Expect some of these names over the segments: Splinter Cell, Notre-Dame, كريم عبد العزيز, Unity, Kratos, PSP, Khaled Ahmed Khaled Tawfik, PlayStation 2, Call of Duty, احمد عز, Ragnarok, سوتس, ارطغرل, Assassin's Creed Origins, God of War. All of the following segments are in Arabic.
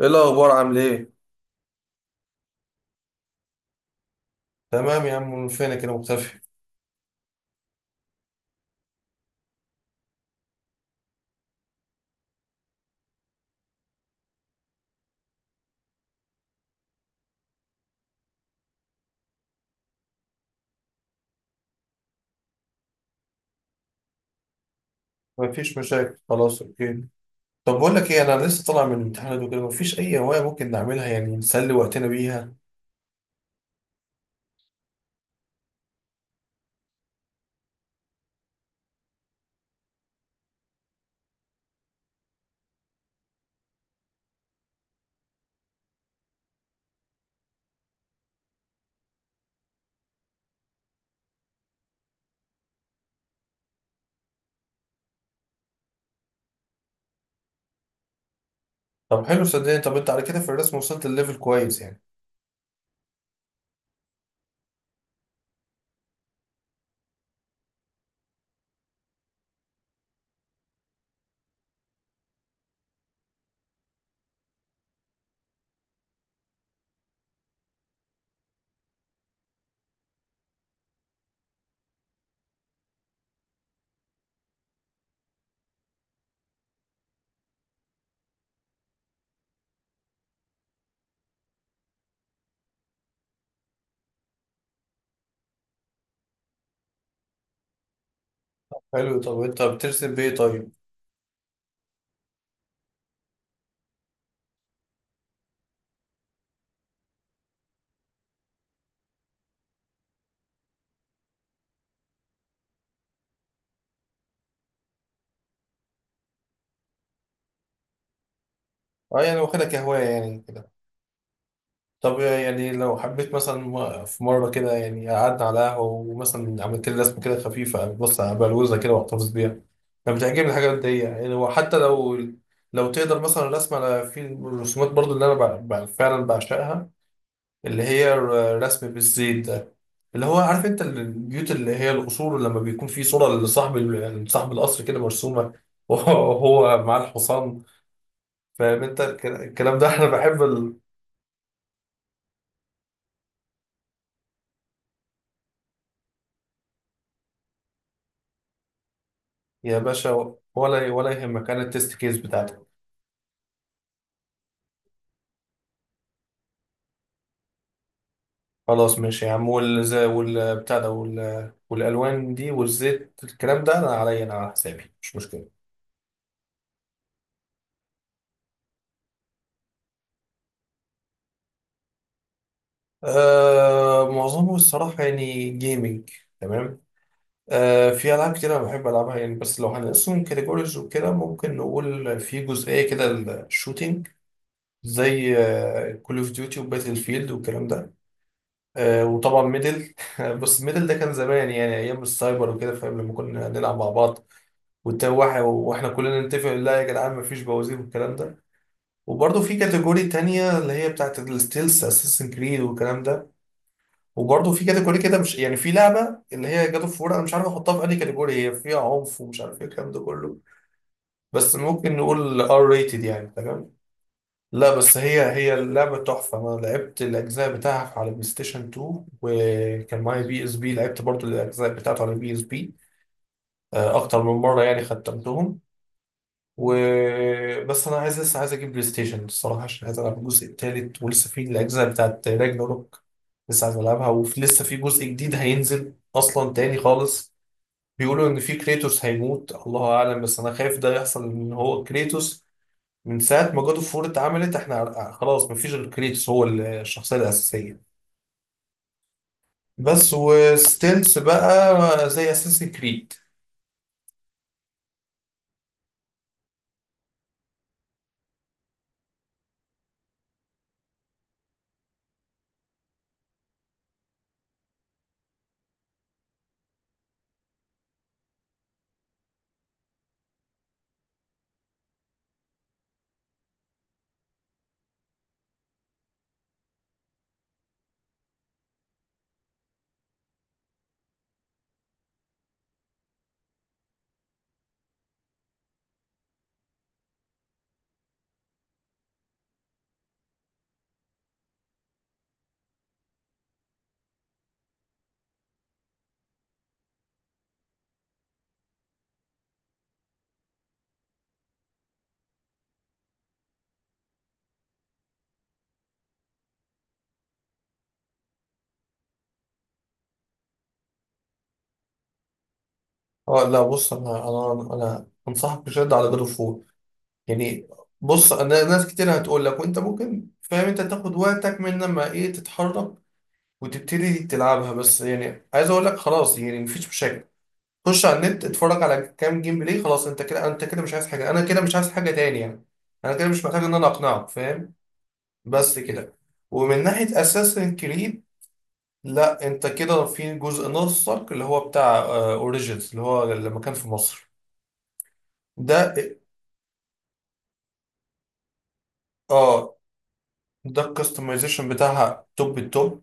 ايه الاخبار، عامل ايه؟ تمام يا عم، من فينك كده مختفي؟ مفيش مشاكل، خلاص، اوكي. طب بقول لك ايه، انا لسه طالع من الامتحانات وكده، مفيش اي هوايه ممكن نعملها يعني نسلي وقتنا بيها؟ طب حلو صدقني. طب انت على كده في الرسم وصلت الليفل كويس يعني؟ حلو. طب انت بترسم بايه طيب؟ اه يعني واخدها كهوايه يعني. طب يعني لو حبيت مثلا في مرة كده، يعني قعدنا على قهوة ومثلا عملت لي رسمة كده خفيفة، بص بلوزة كده واحتفظ بيها. أنا بتعجبني الحاجات دي يعني، وحتى لو لو تقدر مثلا رسم على في الرسومات برضو اللي أنا فعلا بعشقها، اللي هي الرسم بالزيت ده، اللي هو عارف أنت البيوت اللي هي القصور لما بيكون في صورة لصاحب صاحب القصر كده مرسومة وهو معاه الحصان. فاهم أنت؟ الكلام ده أنا بحب. يا باشا، ولا يهمك، انا التست كيس بتاعتك. خلاص ماشي يا عم، والزي والبتاع ده والالوان دي والزيت الكلام ده انا عليا، انا على حسابي مش مشكله. معظمه الصراحه يعني جيمنج. تمام. في العاب كده أنا بحب العبها يعني، بس لو هنقسم كاتيجوريز وكده ممكن نقول في جزئيه كده. الشوتينج، زي كول اوف ديوتي وباتل فيلد والكلام ده. وطبعا ميدل. بس ميدل ده كان زمان، يعني ايام السايبر وكده، فاهم لما كنا نلعب مع بعض، واحنا كلنا نتفق لا يا جدعان مفيش بوازير والكلام ده. وبرضه في كاتيجوري تانية اللي هي بتاعت الستيلز، اساسن كريد والكلام ده. وبرضه في كاتيجوري كده مش يعني، في لعبة اللي هي جاد اوف وور، انا مش عارف احطها في اي كاتيجوري، هي فيها عنف ومش عارف ايه الكلام ده كله. بس ممكن نقول ار ريتد يعني، تمام. لا، بس هي اللعبة تحفة، انا لعبت الاجزاء بتاعها على بلاي ستيشن 2 وكان معايا بي اس بي، لعبت برضه الاجزاء بتاعته على بي اس بي. اكتر من مرة يعني ختمتهم. و بس انا عايز، لسه عايز اجيب بلاي ستيشن الصراحه، عشان عايز العب الجزء التالت ولسه في الاجزاء بتاعت راجناروك. لسه عايز العبها، ولسه في جزء جديد هينزل اصلا تاني خالص. بيقولوا ان في كريتوس هيموت، الله اعلم، بس انا خايف ده يحصل، ان هو كريتوس. من ساعه ما جاد اوف وور اتعملت احنا خلاص مفيش غير كريتوس، هو الشخصيه الاساسيه. بس وستيلز بقى زي اساسن كريد. اه لا بص، انا انصحك بشده على جاد اوف، يعني. بص انا ناس كتير هتقول لك، وانت ممكن فاهم، انت تاخد وقتك من لما ايه تتحرك وتبتدي تلعبها، بس يعني عايز اقول لك خلاص يعني مفيش مشاكل. خش على النت اتفرج على كام جيم بلاي، خلاص انت كده، انت كده مش عايز حاجه، انا كده مش عايز حاجه تاني يعني. انا كده مش محتاج ان انا اقنعك، فاهم. بس كده. ومن ناحيه اساسن كريد، لا انت كده في جزء ناقصك اللي هو بتاع اوريجينز، اللي هو لما كان في مصر، ده. اه، ده الكستمايزيشن بتاعها توب التوب.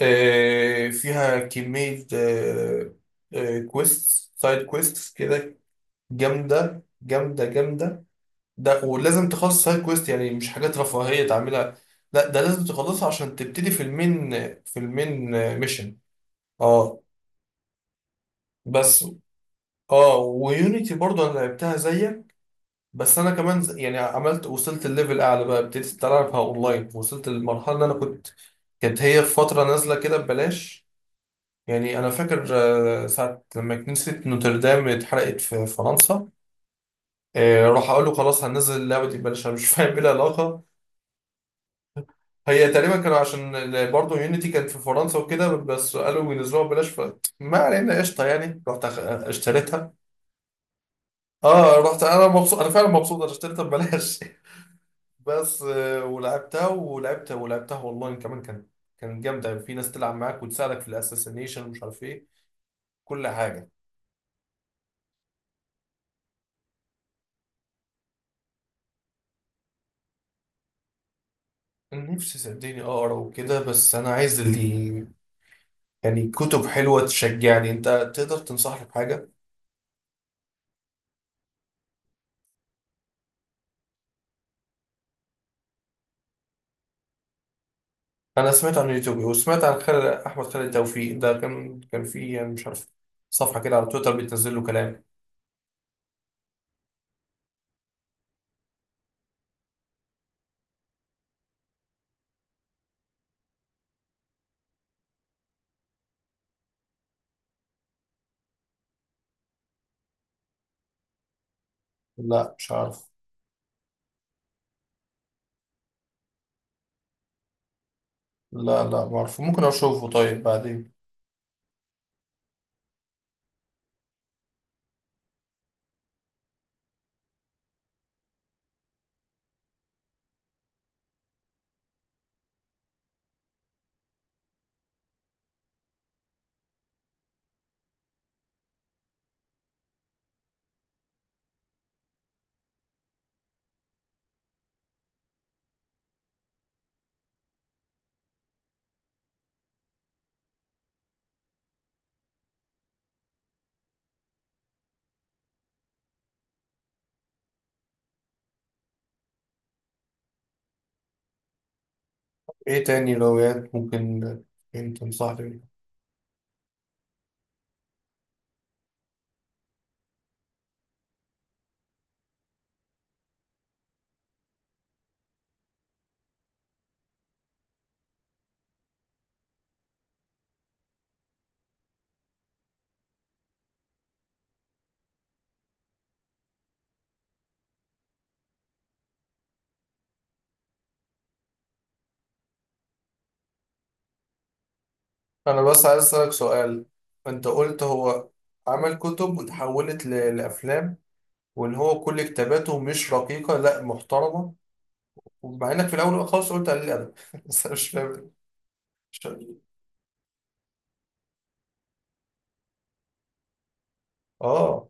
فيها كمية كويست، سايد كويستس كده، جامدة جامدة جامدة. ده ولازم تخلص سايد كويست يعني، مش حاجات رفاهية تعملها. لا، ده لازم تخلصها عشان تبتدي في المين ميشن. اه. بس. اه ويونيتي برضو انا لعبتها زيك، بس انا كمان يعني عملت وصلت الليفل اعلى، بقى ابتديت العبها اونلاين، وصلت للمرحلة اللي انا كنت، كانت هي في فترة نازلة كده ببلاش، يعني انا فاكر ساعه لما كنيسه نوتردام اتحرقت في فرنسا، راح اقول له خلاص هننزل اللعبه دي ببلاش، انا مش فاهم ايه العلاقه. هي تقريبا كانوا، عشان برضه يونيتي كانت في فرنسا وكده، بس قالوا ينزلوها ببلاش، فما علينا قشطه، يعني رحت اشتريتها. اه رحت انا مبسوط، انا فعلا مبسوط انا اشتريتها ببلاش بس ولعبتها والله، كمان كانت، كانت جامده، في ناس تلعب معاك وتساعدك في الاساسينيشن ومش عارف ايه، كل حاجه. نفسي صدقني اقرا وكده، بس انا عايز اللي، يعني كتب حلوه تشجعني، انت تقدر تنصحني بحاجه؟ انا سمعت عن يوتيوب وسمعت عن خالد، احمد خالد توفيق ده كان في يعني مش عارف، صفحه كده على تويتر بتنزل له كلام. لا مش عارف. لا لا، ما اعرف، ممكن اشوفه طيب بعدين. ايه تاني روايات ممكن انت تنصحني بيها؟ انا بس عايز اسالك سؤال. انت قلت هو عمل كتب وتحولت لافلام، وان هو كل كتاباته مش رقيقه، لا، محترمه. ومع انك في الاول خالص قلت قليل الادب بس انا مش فاهم. مش- اه،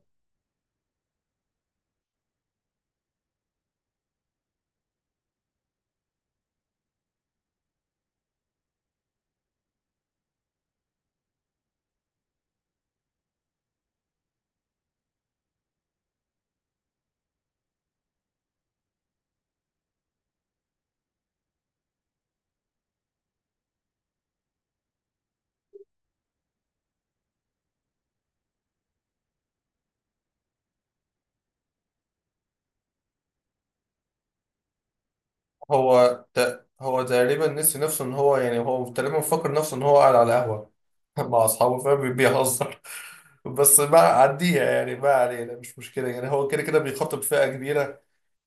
هو تقريبا نسي نفسه ان هو، يعني هو تقريبا فاكر نفسه ان هو قاعد على قهوه مع اصحابه، فاهم بيهزر. بس بقى عديها يعني، ما علينا مش مشكله، يعني هو كده كده بيخاطب فئه كبيره،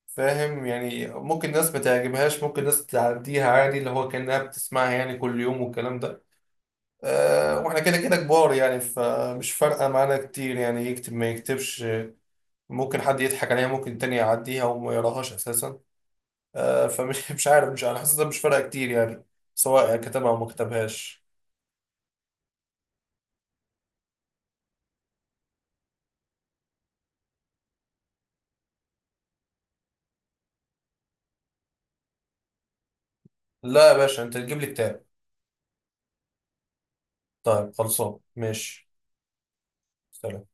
فاهم. يعني ممكن ناس ما تعجبهاش، ممكن ناس تعديها عادي، اللي هو كانها بتسمعها يعني كل يوم والكلام ده. أه، واحنا كده كده كبار يعني، فمش فارقه معانا كتير، يعني يكتب ما يكتبش، ممكن حد يضحك عليها، ممكن التاني يعديها وما يقراهاش اساسا. فمش مش عارف، مش انا حاسسها مش فارقه كتير يعني، سواء كتبها او ما كتبهاش. لا يا باشا، انت تجيب لي كتاب. طيب، خلصان ماشي. سلام.